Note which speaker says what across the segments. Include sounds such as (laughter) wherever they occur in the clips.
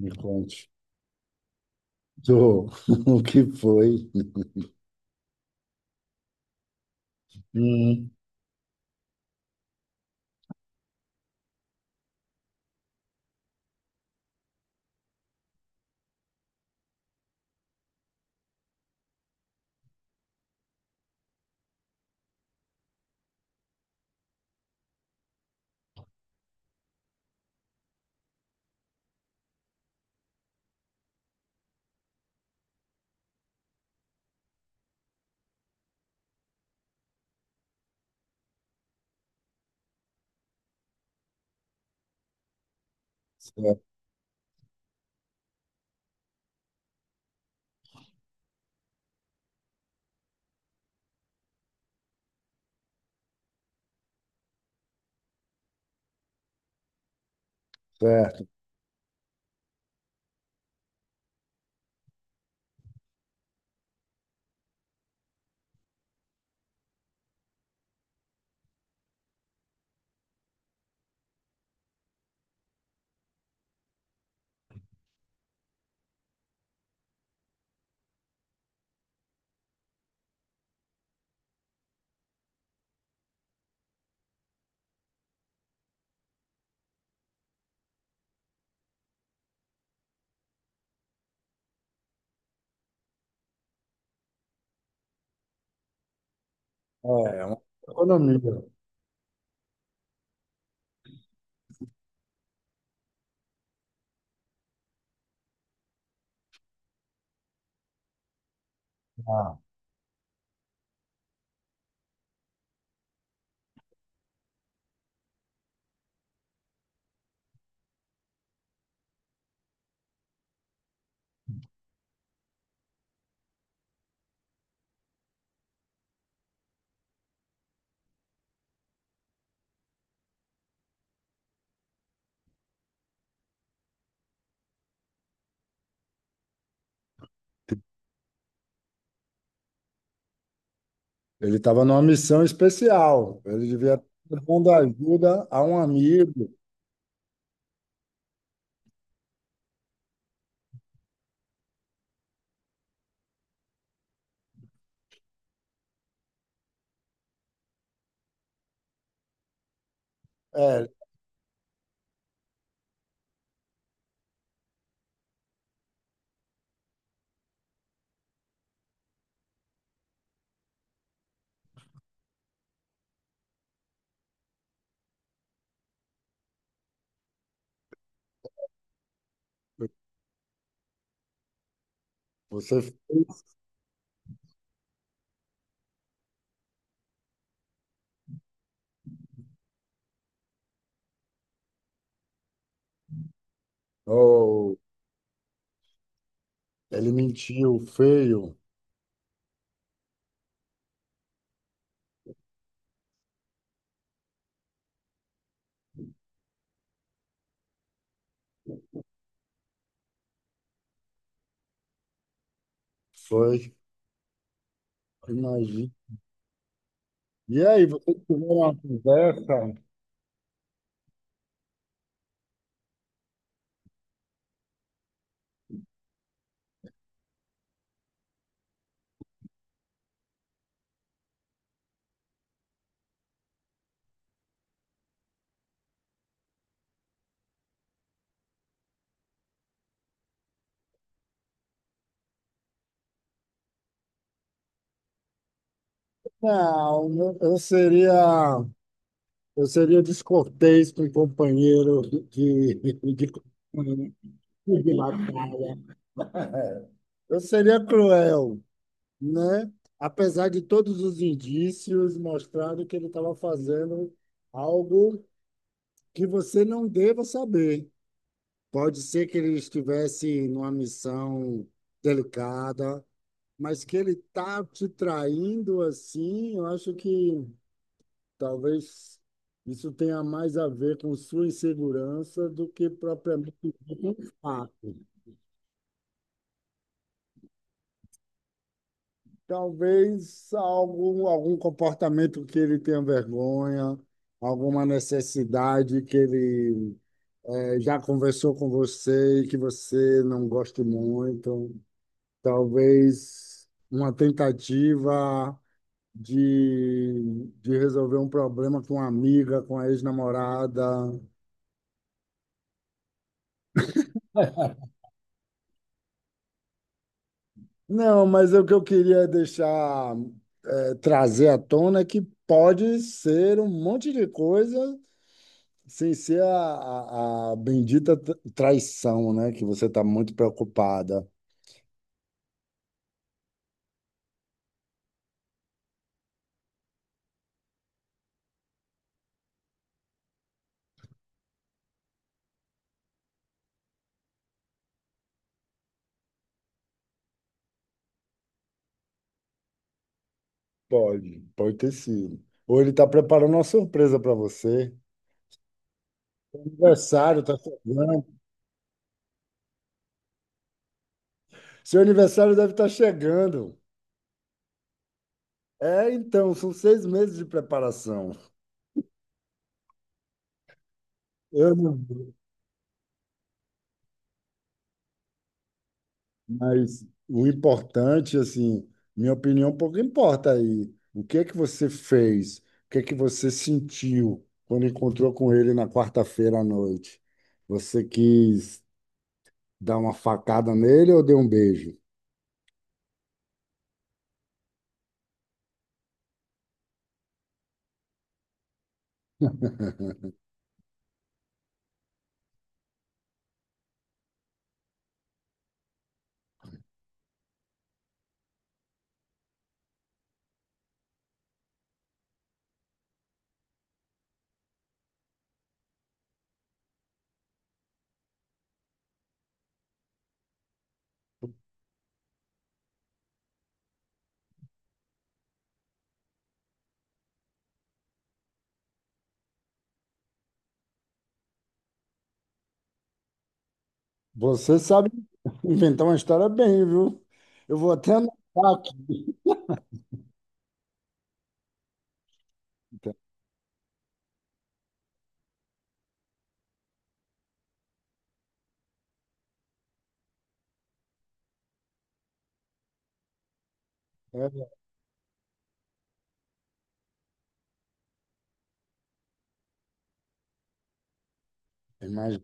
Speaker 1: Me conte. Do, (laughs) o que foi? Hum. Certo. Certo. É, uma economia. Ah, ele estava numa missão especial. Ele devia estar dando ajuda a um amigo. É, você fez. Ou ele mentiu, feio. Foi. Imagina. E aí, vocês tiveram uma conversa? Não, eu eu seria, eu seria descortês com o companheiro de, Eu seria cruel, né? Apesar de todos os indícios mostrando que ele estava fazendo algo que você não deva saber. Pode ser que ele estivesse numa missão delicada, mas que ele tá te traindo assim, eu acho que talvez isso tenha mais a ver com sua insegurança do que propriamente o fato. Talvez algum comportamento que ele tenha vergonha, alguma necessidade que ele já conversou com você e que você não goste muito. Talvez uma tentativa de resolver um problema com uma amiga, com a ex-namorada. Não, mas o que eu queria deixar, trazer à tona é que pode ser um monte de coisa, sem ser a bendita traição, né? Que você está muito preocupada. Pode, pode ter sido. Ou ele está preparando uma surpresa para você. Aniversário está chegando. Seu aniversário deve estar chegando. É, então, são 6 meses de preparação. Eu não, mas o importante, assim, minha opinião um pouco importa aí. O que é que você fez? O que é que você sentiu quando encontrou com ele na quarta-feira à noite? Você quis dar uma facada nele ou dei um beijo? Você sabe (laughs) inventar uma história bem, viu? Eu vou até anotar aqui. É, mas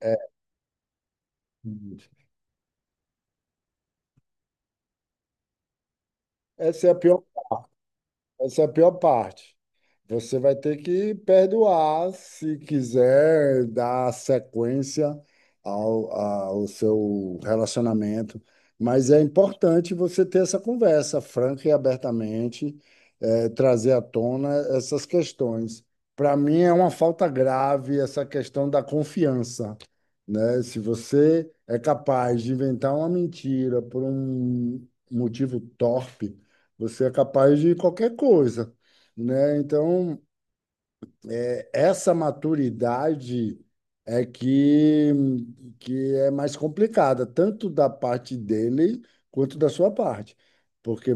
Speaker 1: é, essa é a pior. Essa é a pior parte. Você vai ter que perdoar se quiser dar sequência ao seu relacionamento. Mas é importante você ter essa conversa franca e abertamente, trazer à tona essas questões. Para mim, é uma falta grave essa questão da confiança, né? Se você é capaz de inventar uma mentira por um motivo torpe, você é capaz de qualquer coisa, né? Então, essa maturidade é que é mais complicada, tanto da parte dele quanto da sua parte. Porque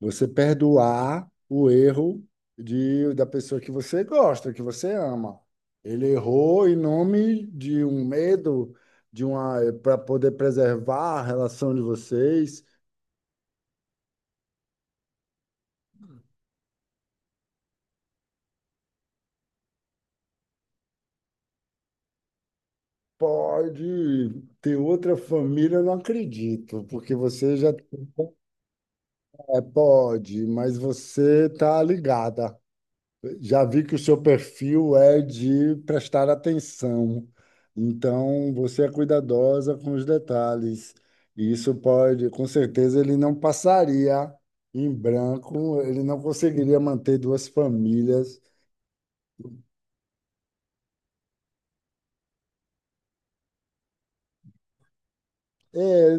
Speaker 1: você perdoar o erro da pessoa que você gosta, que você ama. Ele errou em nome de um medo, para poder preservar a relação de vocês. Pode ter outra família, eu não acredito, porque você já é... Pode, mas você está ligada. Já vi que o seu perfil é de prestar atenção, então você é cuidadosa com os detalhes. E isso pode, com certeza, ele não passaria em branco, ele não conseguiria manter duas famílias. É,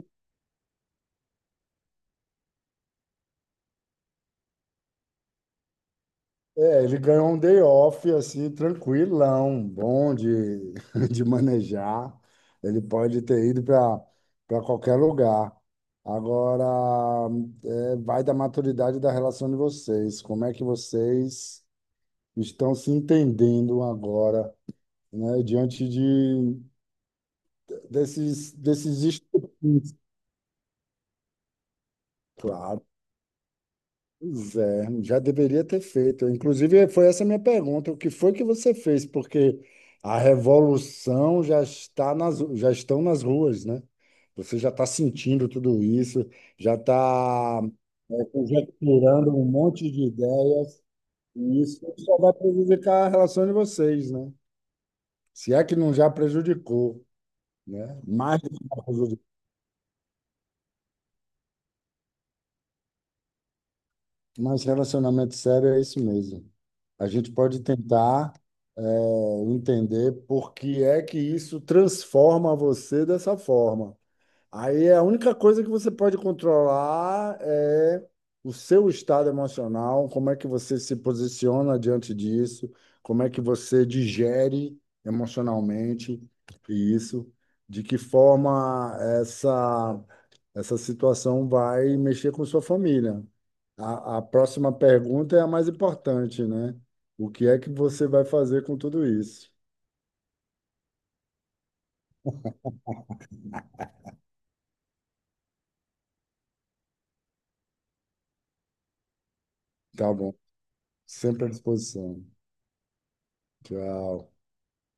Speaker 1: é, ele ganhou um day off, assim, tranquilão, bom de, (laughs) de manejar. Ele pode ter ido para qualquer lugar. Agora, vai da maturidade da relação de vocês. Como é que vocês estão se entendendo agora, né, diante desses estupins? Pois é, já deveria ter feito. Inclusive, foi essa a minha pergunta. O que foi que você fez? Porque a revolução já estão nas ruas, né? Você já está sentindo tudo isso, já está conjecturando um monte de ideias, e isso só vai prejudicar a relação de vocês, né? Se é que não já prejudicou, né? Mais relacionamento sério é isso mesmo. A gente pode tentar entender por que é que isso transforma você dessa forma. Aí é a única coisa que você pode controlar é o seu estado emocional, como é que você se posiciona diante disso, como é que você digere emocionalmente isso, de que forma essa situação vai mexer com sua família. A próxima pergunta é a mais importante, né? O que é que você vai fazer com tudo isso? Tá bom. Sempre à disposição. Tchau.